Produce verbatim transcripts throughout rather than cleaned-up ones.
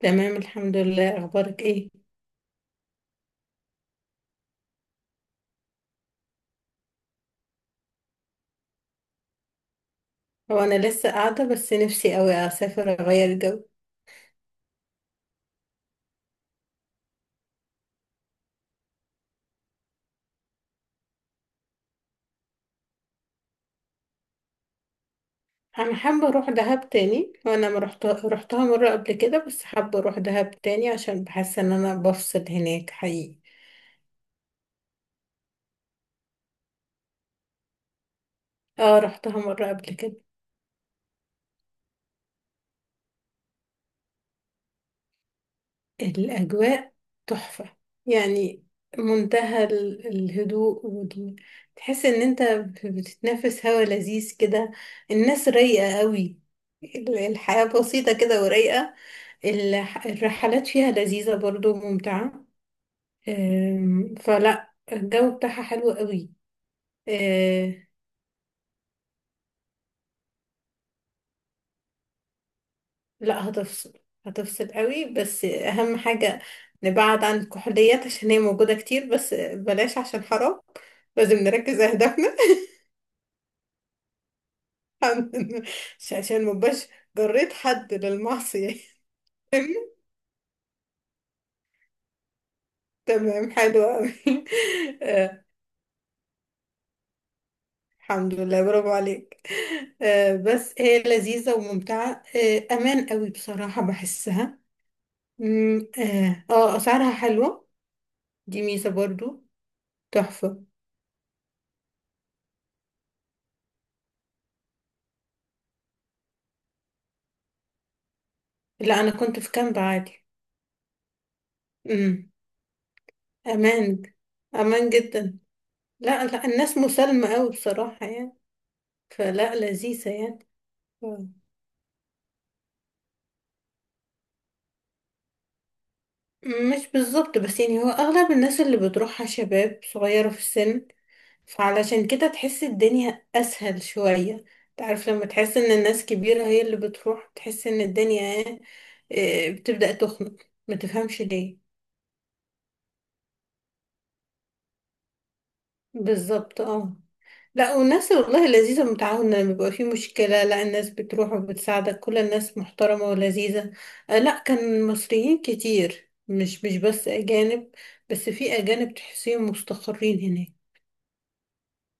تمام، الحمد لله. اخبارك ايه؟ هو انا لسه قاعده، بس نفسي قوي اسافر اغير جو. انا حابه اروح دهب تاني، وانا ما رحت رحتها مره قبل كده، بس حابه اروح دهب تاني عشان بحس ان انا بفصل هناك حقيقي. اه، رحتها مره قبل كده. الأجواء تحفة. يعني منتهى ال- الهدوء وال... تحس إن أنت بتتنفس هوا لذيذ كده. الناس رايقة قوي. ال- الحياة بسيطة كده ورايقة. الح- الرحلات فيها لذيذة برضو، ممتعة. أم، فلا الجو بتاعها حلو قوي. لا، هتفصل. هتفصل قوي. بس اهم حاجة نبعد عن الكحوليات، عشان هي موجودة كتير، بس بلاش عشان حرام. لازم نركز اهدافنا. عن- عشان مبقاش جريت حد للمعصية. تمام، حلو قوي. آه، الحمد لله، برافو عليك. آه، بس هي لذيذة وممتعة. آه، امان قوي بصراحة بحسها. مم، اه آه، اسعارها حلوة. دي ميزة برضو. تحفة. لا، انا كنت في كامب عادي. مم. أمان. أمان جدا. لا لا، الناس مسالمة أوي بصراحة يعني. فلا، لذيذة يعني. ف- مش بالظبط، بس يعني هو أغلب الناس اللي بتروحها شباب صغيرة في السن. فعلشان كده تحس الدنيا أسهل شوية. تعرف لما تحس إن الناس كبيرة هي اللي بتروح، تحس إن الدنيا إيه، إيه، بتبدأ تخنق. ما تفهمش ليه. بالظبط، اه. لا، والناس والله لذيذة، متعاونة. لما بيبقى في مشكلة، لا، الناس بتروح وبتساعدك. كل الناس محترمة ولذيذة. آه، لا، كان مصريين كتير، مش مش بس أجانب. بس في أجانب تحسيهم مستقرين هناك.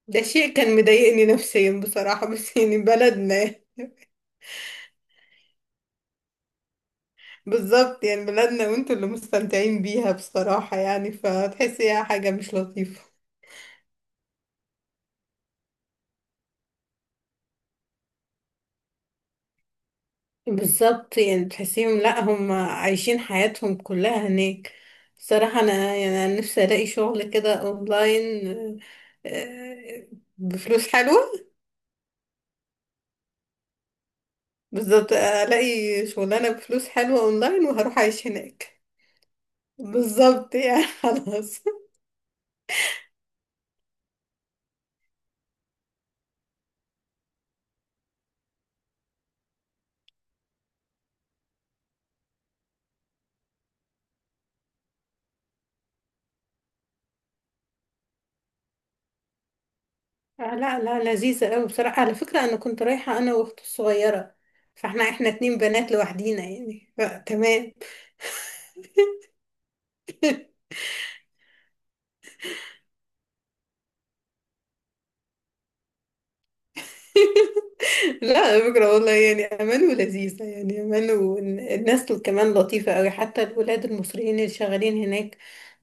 ده شيء كان مضايقني نفسيا بصراحة، بس يعني بلدنا. بالظبط، يعني بلدنا وانتوا اللي مستمتعين بيها بصراحة، يعني فتحسيها حاجة مش لطيفة. بالظبط، يعني تحسيهم لا، هم عايشين حياتهم كلها هناك. صراحة أنا، يعني أنا نفسي ألاقي شغل كده أونلاين آه، آه، بفلوس حلوة. بالظبط، ألاقي شغلانة بفلوس حلوة أونلاين وهروح أعيش هناك. بالظبط يعني، خلاص. آه، لا لا، لذيذة أوي بصراحة. على فكرة، أنا كنت رايحة أنا وأختي الصغيرة، فاحنا احنا اتنين بنات لوحدينا يعني، فتمام. لا، على فكرة والله يعني أمان ولذيذة، يعني أمان. والناس كمان لطيفة أوي، حتى الولاد المصريين اللي شغالين هناك.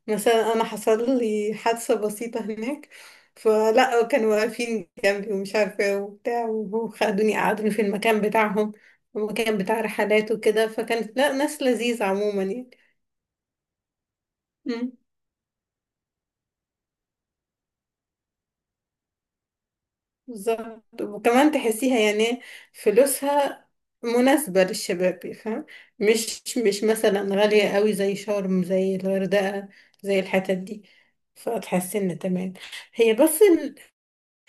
مثلا أنا حصل لي حادثة بسيطة هناك، فلا، كانوا واقفين جنبي، ومش عارفة إيه وبتاع، وخدوني قعدوني في المكان بتاعهم، المكان بتاع رحلات وكده. فكانت، لا، ناس لذيذة عموما. يعني بالظبط. وكمان تحسيها يعني إيه، فلوسها مناسبة للشباب، فاهم؟ مش مش مثلا غالية قوي زي شرم، زي الغردقة، زي الحتت دي. فتحسي ان تمام. هي بس ال-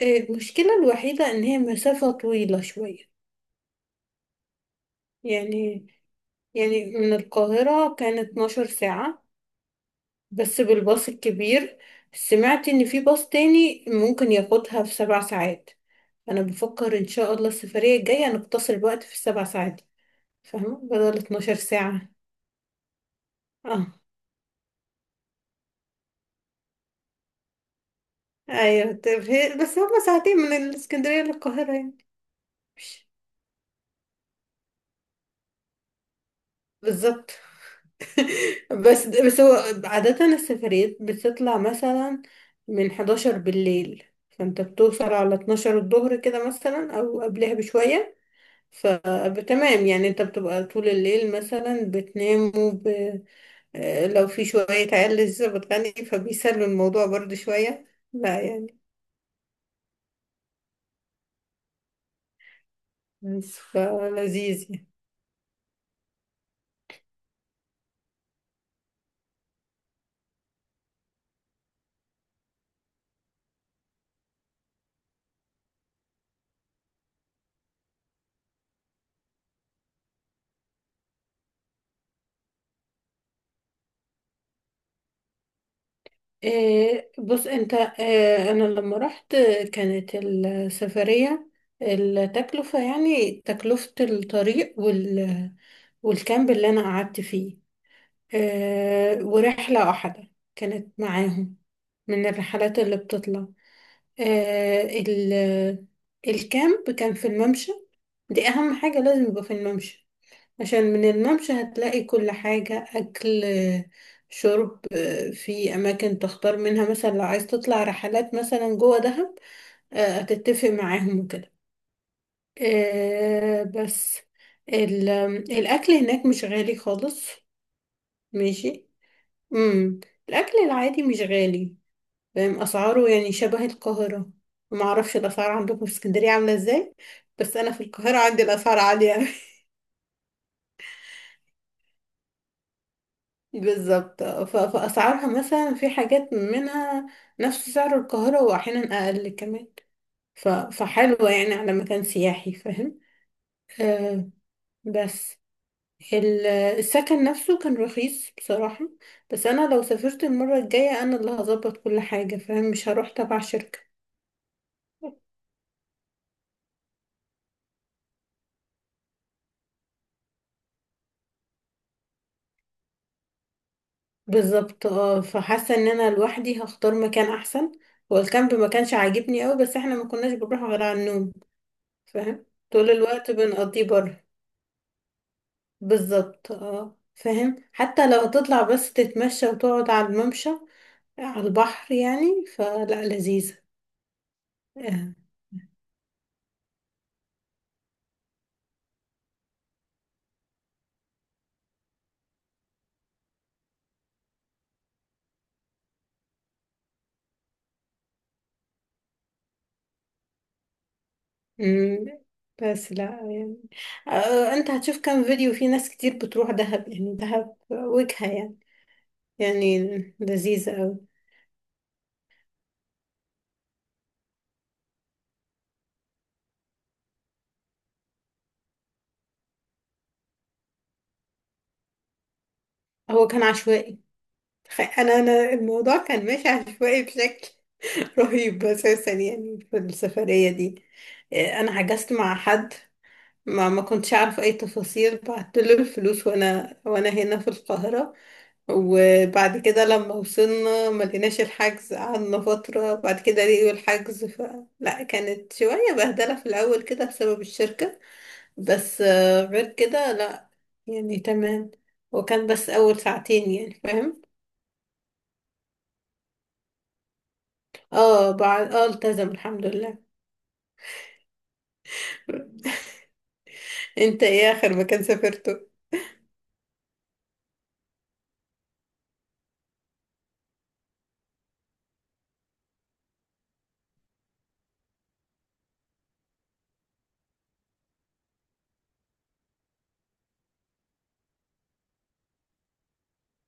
المشكلة الوحيدة ان هي مسافة طويلة شوية. يعني يعني من القاهرة كانت 12 ساعة، بس بالباص الكبير. سمعت ان في باص تاني ممكن ياخدها في سبع ساعات. انا بفكر ان شاء الله السفريه الجايه نقتصر الوقت في السبع ساعات دي. فاهمه، بدل 12 ساعه. اه، ايوه. طب هي- بس هما ساعتين من الاسكندريه للقاهره يعني. مش- بالظبط. بس بس هو عاده السفريات بتطلع مثلا من 11 بالليل، فانت بتوصل على 12 الظهر كده مثلا، او قبلها بشويه. فتمام يعني، انت بتبقى طول الليل مثلا بتنام. آه، لو في شوية عيال لسه بتغني، فبيسلوا الموضوع برضو شوية. لا يعني، بس فلذيذ يعني. آه، بص انت، آه، انا لما رحت، آه، كانت السفرية، التكلفة يعني، تكلفة الطريق وال والكامب اللي انا قعدت فيه. آه، ورحلة واحدة كانت معاهم، من الرحلات اللي بتطلع. آه، ال- الكامب كان في الممشى. دي اهم حاجة، لازم يبقى في الممشى، عشان من الممشى هتلاقي كل حاجة، أكل، شرب، في أماكن تختار منها. مثلا لو عايز تطلع رحلات مثلا جوه دهب، آه، هتتفق معاهم وكده. آه، بس ال- الأكل هناك مش غالي خالص. ماشي. امم الأكل العادي مش غالي. فاهم أسعاره يعني شبه القاهرة. معرفش الأسعار عندكم في اسكندرية عاملة ازاي، بس أنا في القاهرة عندي الأسعار عالية. بالظبط. ف- فأسعارها مثلا، في حاجات منها نفس سعر القاهرة، وأحيانا أقل كمان. ف- فحلوة يعني، على مكان سياحي، فاهم؟ آه بس ال- السكن نفسه كان رخيص بصراحة. بس أنا لو سافرت المرة الجاية، أنا اللي هظبط كل حاجة، فاهم؟ مش هروح تبع شركة. بالظبط، اه. فحاسة إن أنا لوحدي هختار مكان أحسن. هو الكامب ما كانش عاجبني أوي، بس احنا ما كناش بنروح غير على النوم، فاهم؟ طول الوقت بنقضيه بره. بالظبط، اه. فاهم؟ حتى لو هتطلع بس تتمشى وتقعد على الممشى على البحر يعني، فلا، لذيذة. آه. مم. بس لا يعني، آه، انت هتشوف كام فيديو، في ناس كتير بتروح دهب. يعني دهب وجهة يعني، يعني لذيذة أوي. هو كان عشوائي. خ- انا انا الموضوع كان ماشي عشوائي بشكل رهيب اساسا، يعني في السفرية دي. آه، انا حجزت مع حد، ما ما كنتش اعرف اي تفاصيل. بعت له الفلوس وانا وانا هنا في القاهرة، وبعد كده لما وصلنا ما لقيناش الحجز. قعدنا فترة، بعد كده لقيوا الحجز ف... لا، كانت شوية بهدلة في الأول كده، بسبب الشركة. بس آه، غير كده، لا، يعني تمام. وكان بس أول ساعتين يعني، فاهم؟ اه، بعد اه التزم، الحمد لله. انت ايه آخر مكان سافرته؟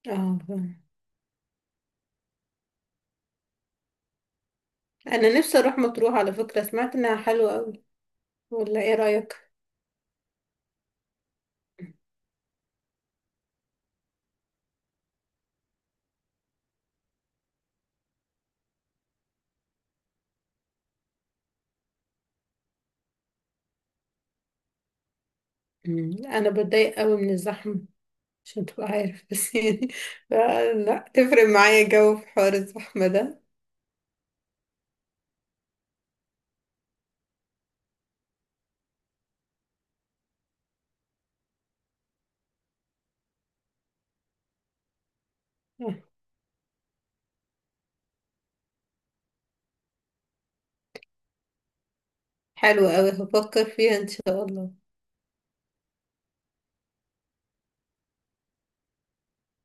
اه، فاهم. انا نفسي اروح مطروح، على فكرة سمعت انها حلوة قوي، ولا ايه رأيك؟ مم. انا بتضايق قوي من الزحمة، عشان تبقى عارف. بس يعني لا، لا تفرق معايا، جو في حوار الزحمة ده. حلو قوي، هفكر فيها ان شاء الله.